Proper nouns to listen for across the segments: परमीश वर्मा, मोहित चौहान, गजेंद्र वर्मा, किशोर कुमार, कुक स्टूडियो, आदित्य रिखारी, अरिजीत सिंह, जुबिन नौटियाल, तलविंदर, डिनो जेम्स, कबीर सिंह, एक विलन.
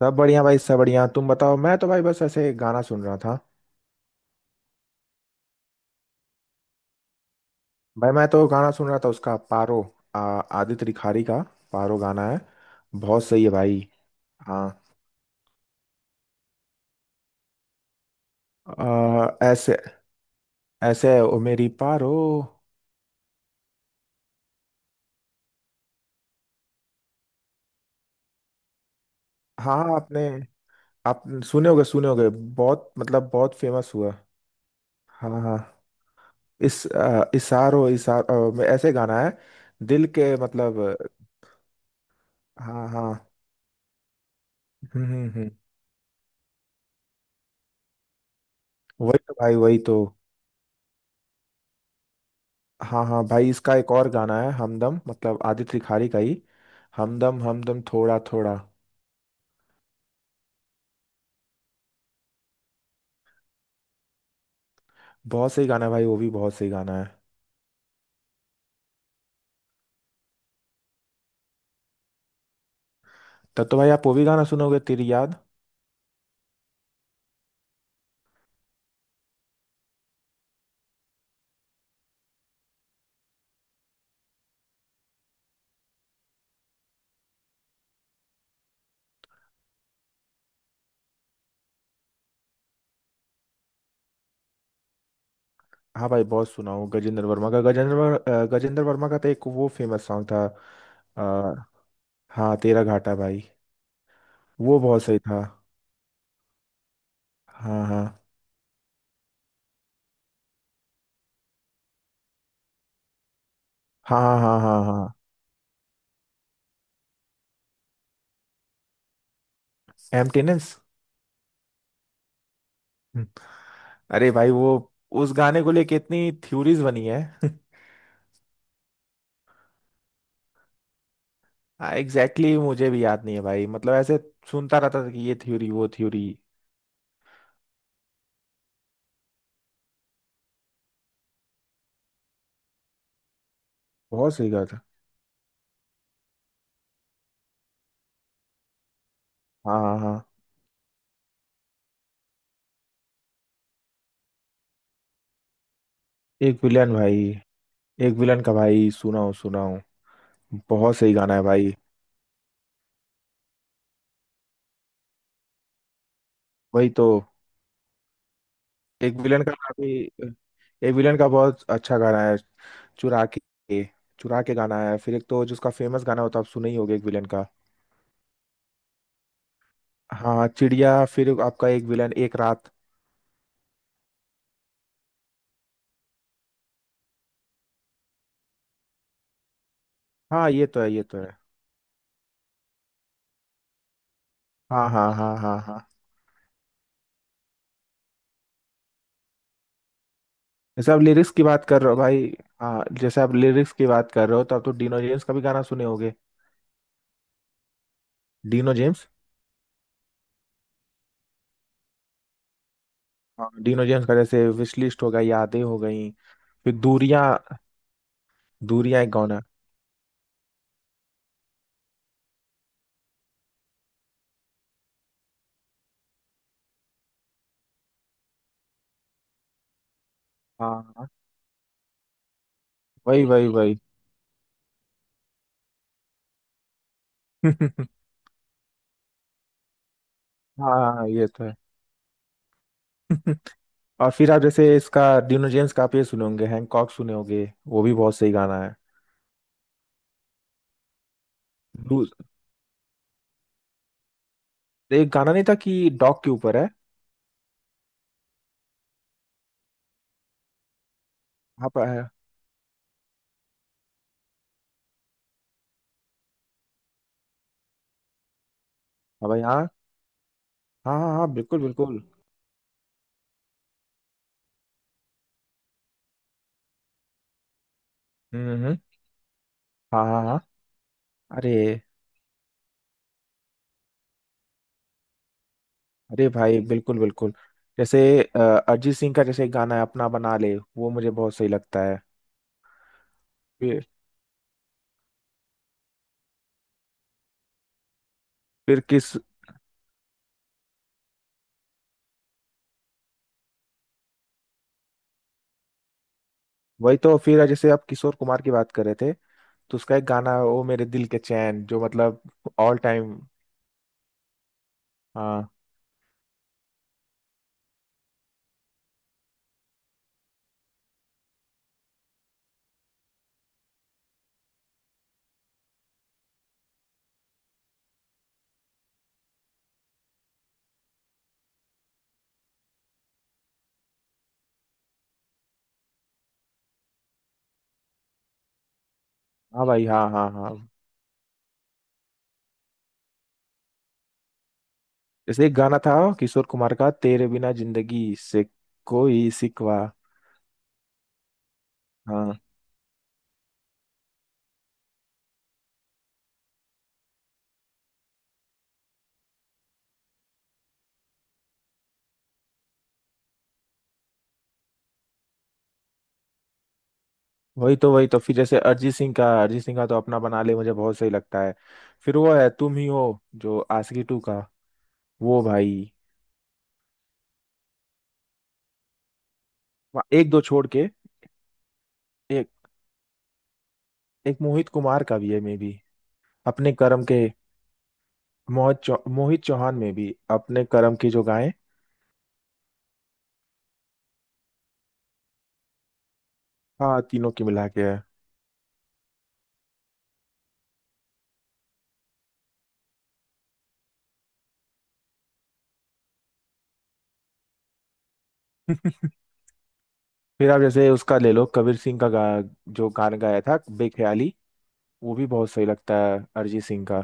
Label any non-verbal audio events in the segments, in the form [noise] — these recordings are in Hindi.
सब बढ़िया भाई, सब बढ़िया। तुम बताओ। मैं तो भाई बस ऐसे गाना सुन रहा था। भाई मैं तो गाना सुन रहा था उसका पारो। आदित्य रिखारी का पारो गाना है। बहुत सही है भाई। हाँ। ऐसे, ऐसे ओ मेरी पारो। हाँ हाँ, आपने, आप सुने होगे, सुने होगे। बहुत मतलब बहुत फेमस हुआ। हाँ हाँ। इसारो इसारो ऐसे गाना है। दिल के मतलब। हाँ हाँ। हम्म। वही तो भाई, वही तो। हाँ हाँ भाई, इसका एक और गाना है हमदम, मतलब आदित्य रिखारी का ही। हमदम हमदम, थोड़ा थोड़ा। बहुत सही गाना है भाई, वो भी बहुत सही गाना है। तब तो भाई आप वो भी गाना सुनोगे, तेरी याद। हाँ भाई बहुत सुना हूँ गजेंद्र वर्मा का। गजेंद्र वर्मा का तो एक वो फेमस सॉन्ग था। अ, हाँ तेरा घाटा भाई। वो बहुत सही था। हाँ हाँ हाँ हाँ हाँ। हाँ हाँ। एम्प्टीनेस। अरे भाई वो, उस गाने को लेके इतनी थ्योरीज बनी है। हाँ एग्जैक्टली, मुझे भी याद नहीं है भाई, मतलब ऐसे सुनता रहता था कि ये थ्योरी वो थ्योरी। बहुत सही कहा था। हाँ हाँ हाँ। एक विलन भाई। एक विलन का भाई, सुनाओ सुनाओ। बहुत सही गाना है भाई। वही तो। एक विलन का भी, एक विलन का बहुत अच्छा गाना है चुरा के। चुरा के गाना है। फिर एक तो जिसका फेमस गाना होता है, आप सुने ही होगे एक विलन का। हाँ चिड़िया। फिर आपका एक विलन, एक रात। हाँ ये तो है, ये तो है। हाँ हाँ हाँ हाँ हाँ। जैसे आप लिरिक्स की बात कर रहे हो भाई। हाँ जैसे आप लिरिक्स की बात कर रहे हो, तो आप तो डिनो जेम्स का भी गाना सुने होगे। डिनो जेम्स। हाँ डिनो जेम्स का, जैसे विश लिस्ट हो गया, यादें हो गई। फिर दूरियां। दूरियां एक गाना है। हाँ हाँ। वही वही वही। [laughs] हाँ। हाँ, ये तो है। [laughs] और फिर आप जैसे इसका, डिनो जेम्स का, आप ये सुने होंगे हैंकॉक, सुने होंगे वो भी बहुत सही गाना है। दू- एक गाना नहीं था कि डॉग के ऊपर है। हाँ हाँ भाई, हाँ हाँ हाँ। हाँ, बिल्कुल बिल्कुल। हम्म। हाँ हाँ हाँ। अरे, अरे भाई बिल्कुल बिल्कुल। जैसे अरिजीत सिंह का, जैसे एक गाना है अपना बना ले, वो मुझे बहुत सही लगता है। फिर फिर किस वही तो फिर जैसे आप किशोर कुमार की बात कर रहे थे, तो उसका एक गाना है ओ मेरे दिल के चैन, जो मतलब ऑल टाइम। हाँ। हाँ भाई हाँ हाँ हाँ। जैसे एक गाना था किशोर कुमार का, तेरे बिना जिंदगी से, कोई सिकवा। हाँ। वही तो, वही तो फिर जैसे अरिजीत सिंह का तो अपना बना ले मुझे बहुत सही लगता है। फिर वो है तुम ही हो, जो आशिकी टू का। वो भाई, वहाँ एक दो छोड़ के। एक एक मोहित कुमार का भी है, मे भी, अपने कर्म के। मोहित चौहान में भी अपने कर्म की जो गाएं। हाँ तीनों की मिला के है। [laughs] फिर आप जैसे उसका ले लो कबीर सिंह का जो गाना गाया था बेख्याली, वो भी बहुत सही लगता है अरिजीत सिंह का।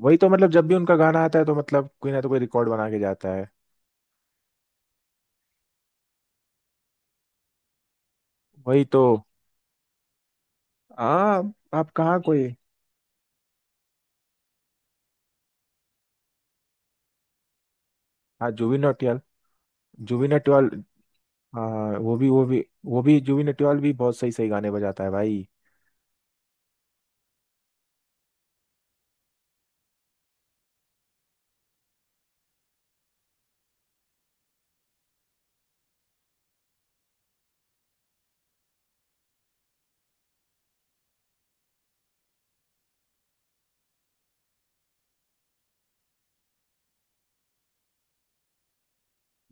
वही तो मतलब, जब भी उनका गाना आता है तो मतलब कोई ना तो कोई रिकॉर्ड बना के जाता है। वही तो। हाँ, आप कहाँ कोई। हाँ जुबिन नौटियाल। जुबिन नौटियाल। हाँ। वो भी जुबिन नौटियाल भी बहुत सही सही गाने बजाता है भाई।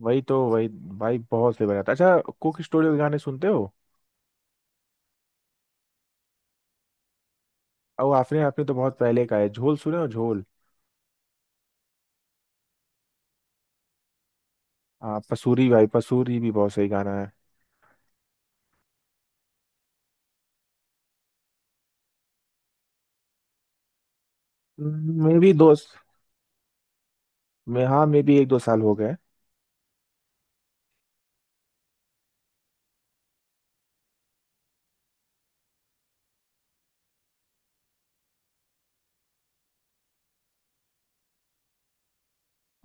वही तो, वही। भाई बहुत फेवरेट आता है। अच्छा कुक स्टूडियो के गाने सुनते हो? और आपने आपने तो बहुत पहले का है, झोल सुने हो, झोल? हाँ पसूरी भाई, पसूरी भी बहुत सही गाना है। मे भी दोस्त। मैं, हाँ मे भी एक दो साल हो गए।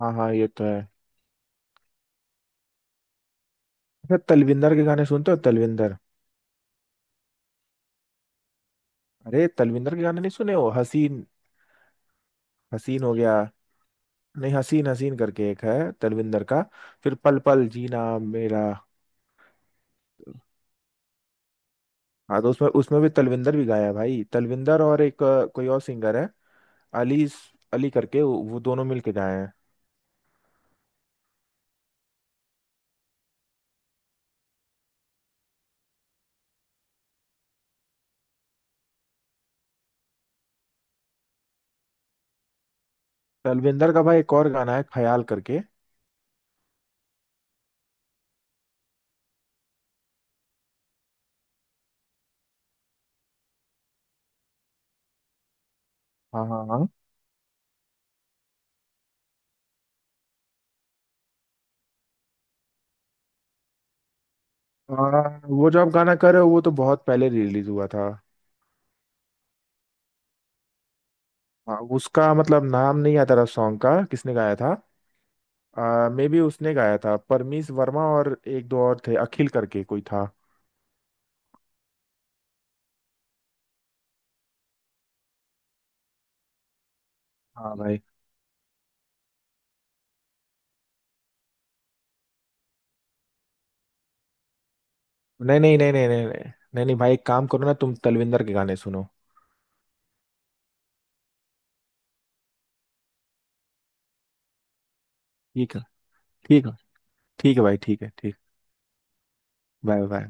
हाँ हाँ ये तो है। अच्छा तलविंदर के गाने सुनते हो, तलविंदर? अरे तलविंदर के गाने नहीं सुने हो, हसीन? हसीन हो गया। नहीं, हसीन हसीन करके एक है तलविंदर का। फिर पल पल जीना मेरा। हाँ तो उसमें उसमें भी तलविंदर भी गाया है भाई, तलविंदर और एक कोई और सिंगर है, अली। अली करके, वो दोनों मिलके गाए हैं। तलविंदर का भाई एक और गाना है ख्याल करके। हाँ हाँ हाँ। वो जो आप गाना कर रहे हो, वो तो बहुत पहले रिलीज हुआ था। हाँ उसका मतलब नाम नहीं आता रहा सॉन्ग का, किसने गाया था। मे बी उसने गाया था परमीश वर्मा, और एक दो और थे अखिल करके कोई था। हाँ भाई। नहीं नहीं नहीं नहीं नहीं नहीं। नहीं नहीं भाई, एक काम करो ना, तुम तलविंदर के गाने सुनो। ठीक है। ठीक है। ठीक है भाई, ठीक है, ठीक। Bye bye bye.